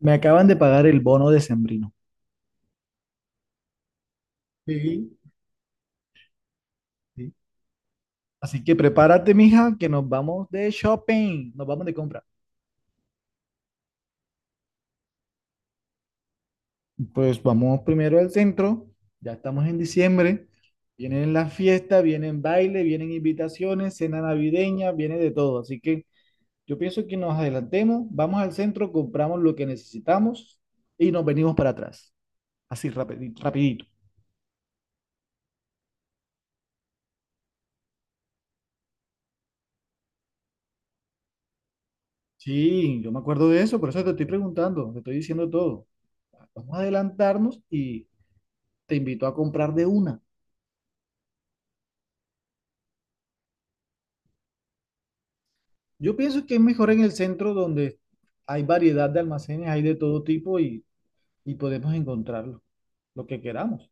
Me acaban de pagar el bono decembrino. Sí, sí. Así que prepárate, mija, que nos vamos de shopping, nos vamos de compra. Pues vamos primero al centro, ya estamos en diciembre, vienen las fiestas, vienen baile, vienen invitaciones, cena navideña, viene de todo. Así que yo pienso que nos adelantemos, vamos al centro, compramos lo que necesitamos y nos venimos para atrás, así rapidito. Sí, yo me acuerdo de eso, por eso te estoy preguntando, te estoy diciendo todo. Vamos a adelantarnos y te invito a comprar de una. Yo pienso que es mejor en el centro donde hay variedad de almacenes, hay de todo tipo y podemos encontrarlo lo que queramos.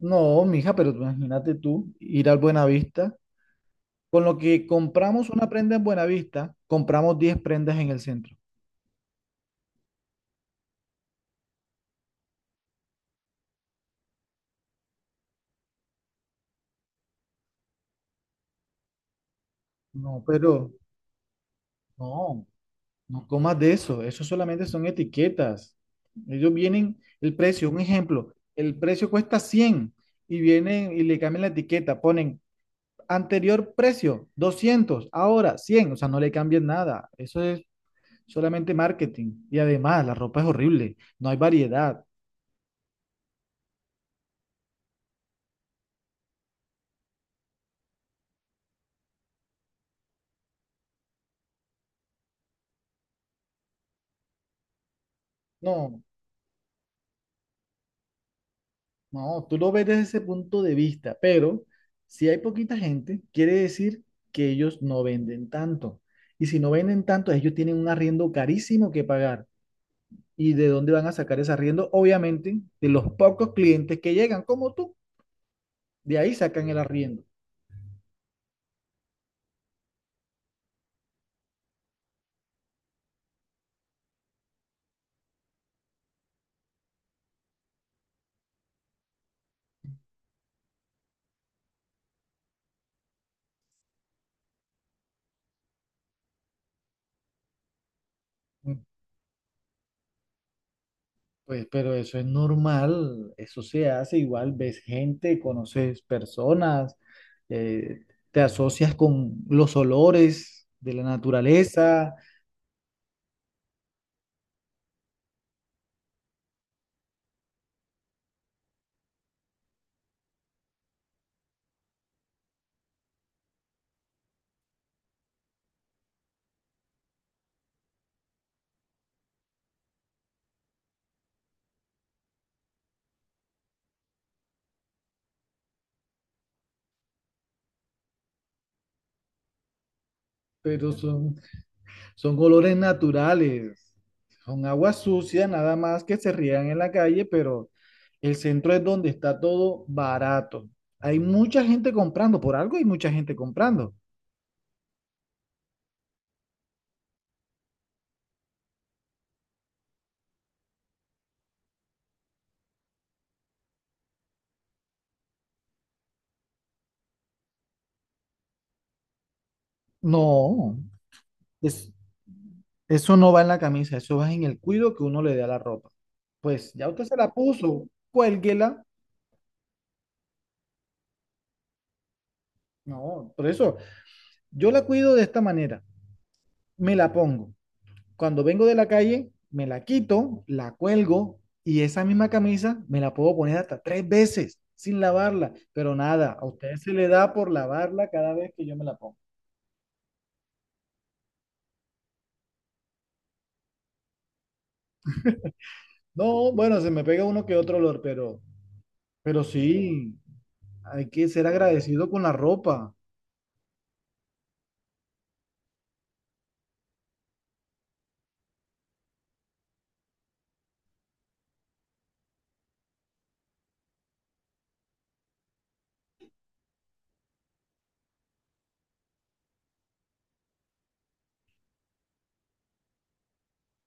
No, mija, pero tú imagínate tú ir al Buenavista. Con lo que compramos una prenda en Buenavista, compramos 10 prendas en el centro. No, pero no, no comas de eso. Eso solamente son etiquetas. Ellos vienen, el precio, un ejemplo, el precio cuesta 100 y vienen y le cambian la etiqueta, ponen anterior precio, 200, ahora 100. O sea, no le cambien nada. Eso es solamente marketing. Y además, la ropa es horrible, no hay variedad. No, no, tú lo ves desde ese punto de vista, pero si hay poquita gente, quiere decir que ellos no venden tanto. Y si no venden tanto, ellos tienen un arriendo carísimo que pagar. ¿Y de dónde van a sacar ese arriendo? Obviamente, de los pocos clientes que llegan, como tú. De ahí sacan el arriendo. Pues, pero eso es normal, eso se hace igual, ves gente, conoces personas, eh, te asocias con los olores de la naturaleza, pero son olores naturales, son aguas sucias nada más que se riegan en la calle, pero el centro es donde está todo barato. Hay mucha gente comprando, por algo hay mucha gente comprando. No, es, eso no va en la camisa, eso va en el cuido que uno le dé a la ropa. Pues ya usted se la puso, cuélguela. No, por eso yo la cuido de esta manera. Me la pongo. Cuando vengo de la calle, me la quito, la cuelgo y esa misma camisa me la puedo poner hasta tres veces sin lavarla. Pero nada, a usted se le da por lavarla cada vez que yo me la pongo. No, bueno, se me pega uno que otro olor, pero, sí, hay que ser agradecido con la ropa.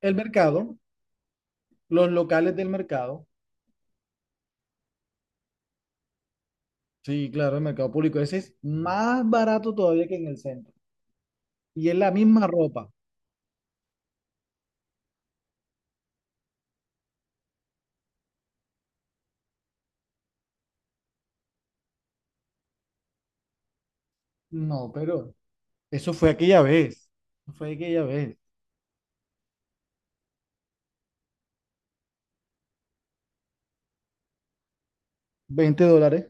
El mercado, los locales del mercado. Sí, claro, el mercado público. Ese es más barato todavía que en el centro. Y es la misma ropa. No, pero eso fue aquella vez. Fue aquella vez. $20.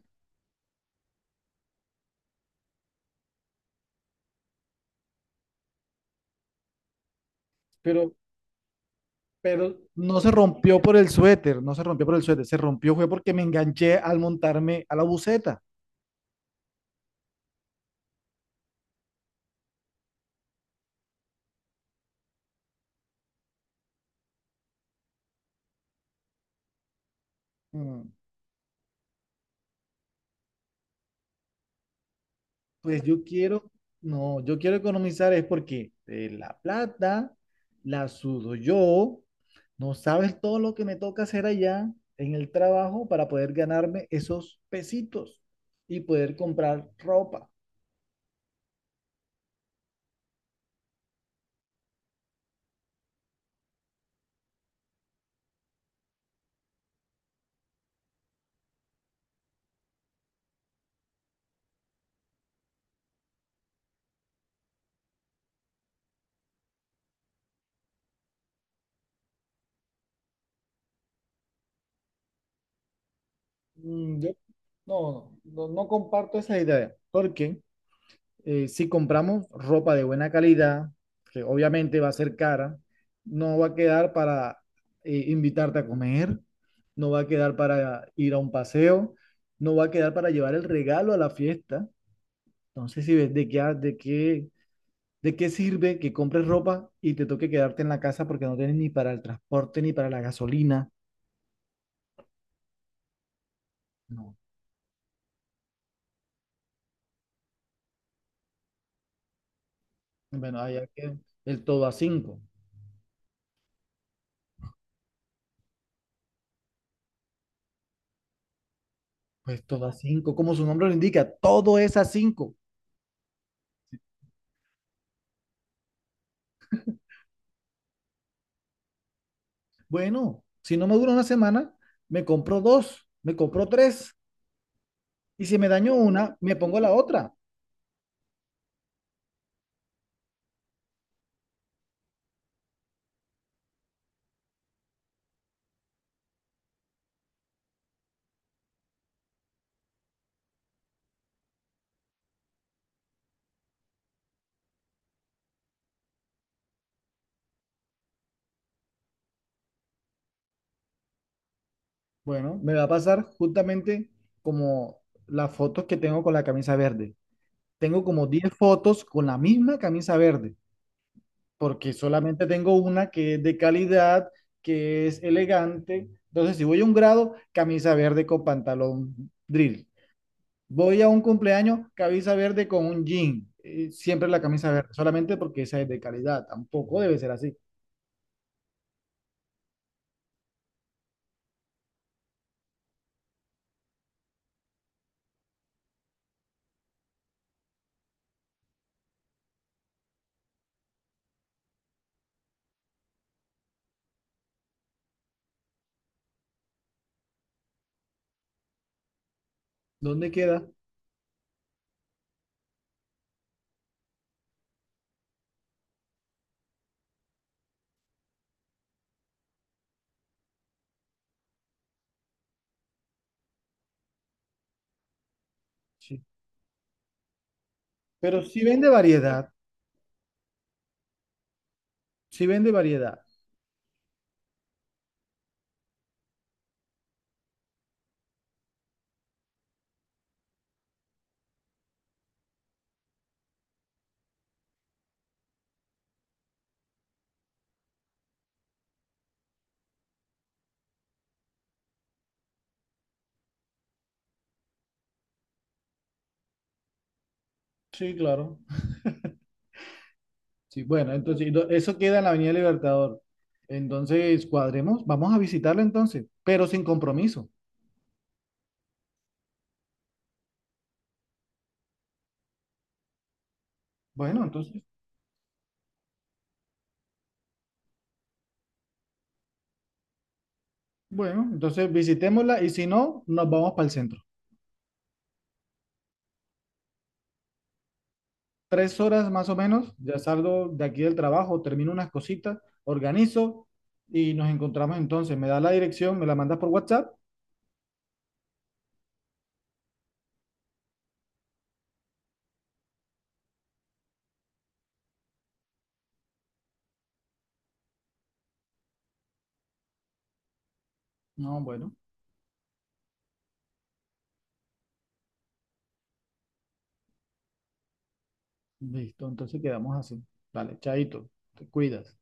Pero, pero no se rompió por el suéter. No se rompió por el suéter. Se rompió fue porque me enganché al montarme a la buceta. Mm. Pues yo quiero, no, yo quiero economizar es porque la plata la sudo yo, no sabes todo lo que me toca hacer allá en el trabajo para poder ganarme esos pesitos y poder comprar ropa. Yo no comparto esa idea porque si compramos ropa de buena calidad, que obviamente va a ser cara, no va a quedar para invitarte a comer, no va a quedar para ir a un paseo, no va a quedar para llevar el regalo a la fiesta. Entonces, si ves de qué, ha- de qué sirve que compres ropa y te toque quedarte en la casa porque no tienes ni para el transporte ni para la gasolina. No. Bueno, allá que el Todo a Cinco. Pues Todo a Cinco, como su nombre lo indica, todo es a cinco. Bueno, si no me dura una semana, me compro dos, me compro tres. Y si me daño una, me pongo la otra. Bueno, me va a pasar justamente como las fotos que tengo con la camisa verde. Tengo como 10 fotos con la misma camisa verde, porque solamente tengo una que es de calidad, que es elegante. Entonces, si voy a un grado, camisa verde con pantalón drill. Voy a un cumpleaños, camisa verde con un jean. Siempre la camisa verde, solamente porque esa es de calidad. Tampoco debe ser así. ¿Dónde queda? Sí. Pero si vende variedad, si vende variedad. Sí, claro. Sí, bueno, entonces eso queda en la Avenida Libertador. Entonces, cuadremos, vamos a visitarla entonces, pero sin compromiso. Bueno, entonces, bueno, entonces, visitémosla y si no, nos vamos para el centro. 3 horas más o menos, ya salgo de aquí del trabajo, termino unas cositas, organizo y nos encontramos entonces. Me da la dirección, me la mandas por WhatsApp. No, bueno, listo, entonces quedamos así. Vale, chaito, te cuidas.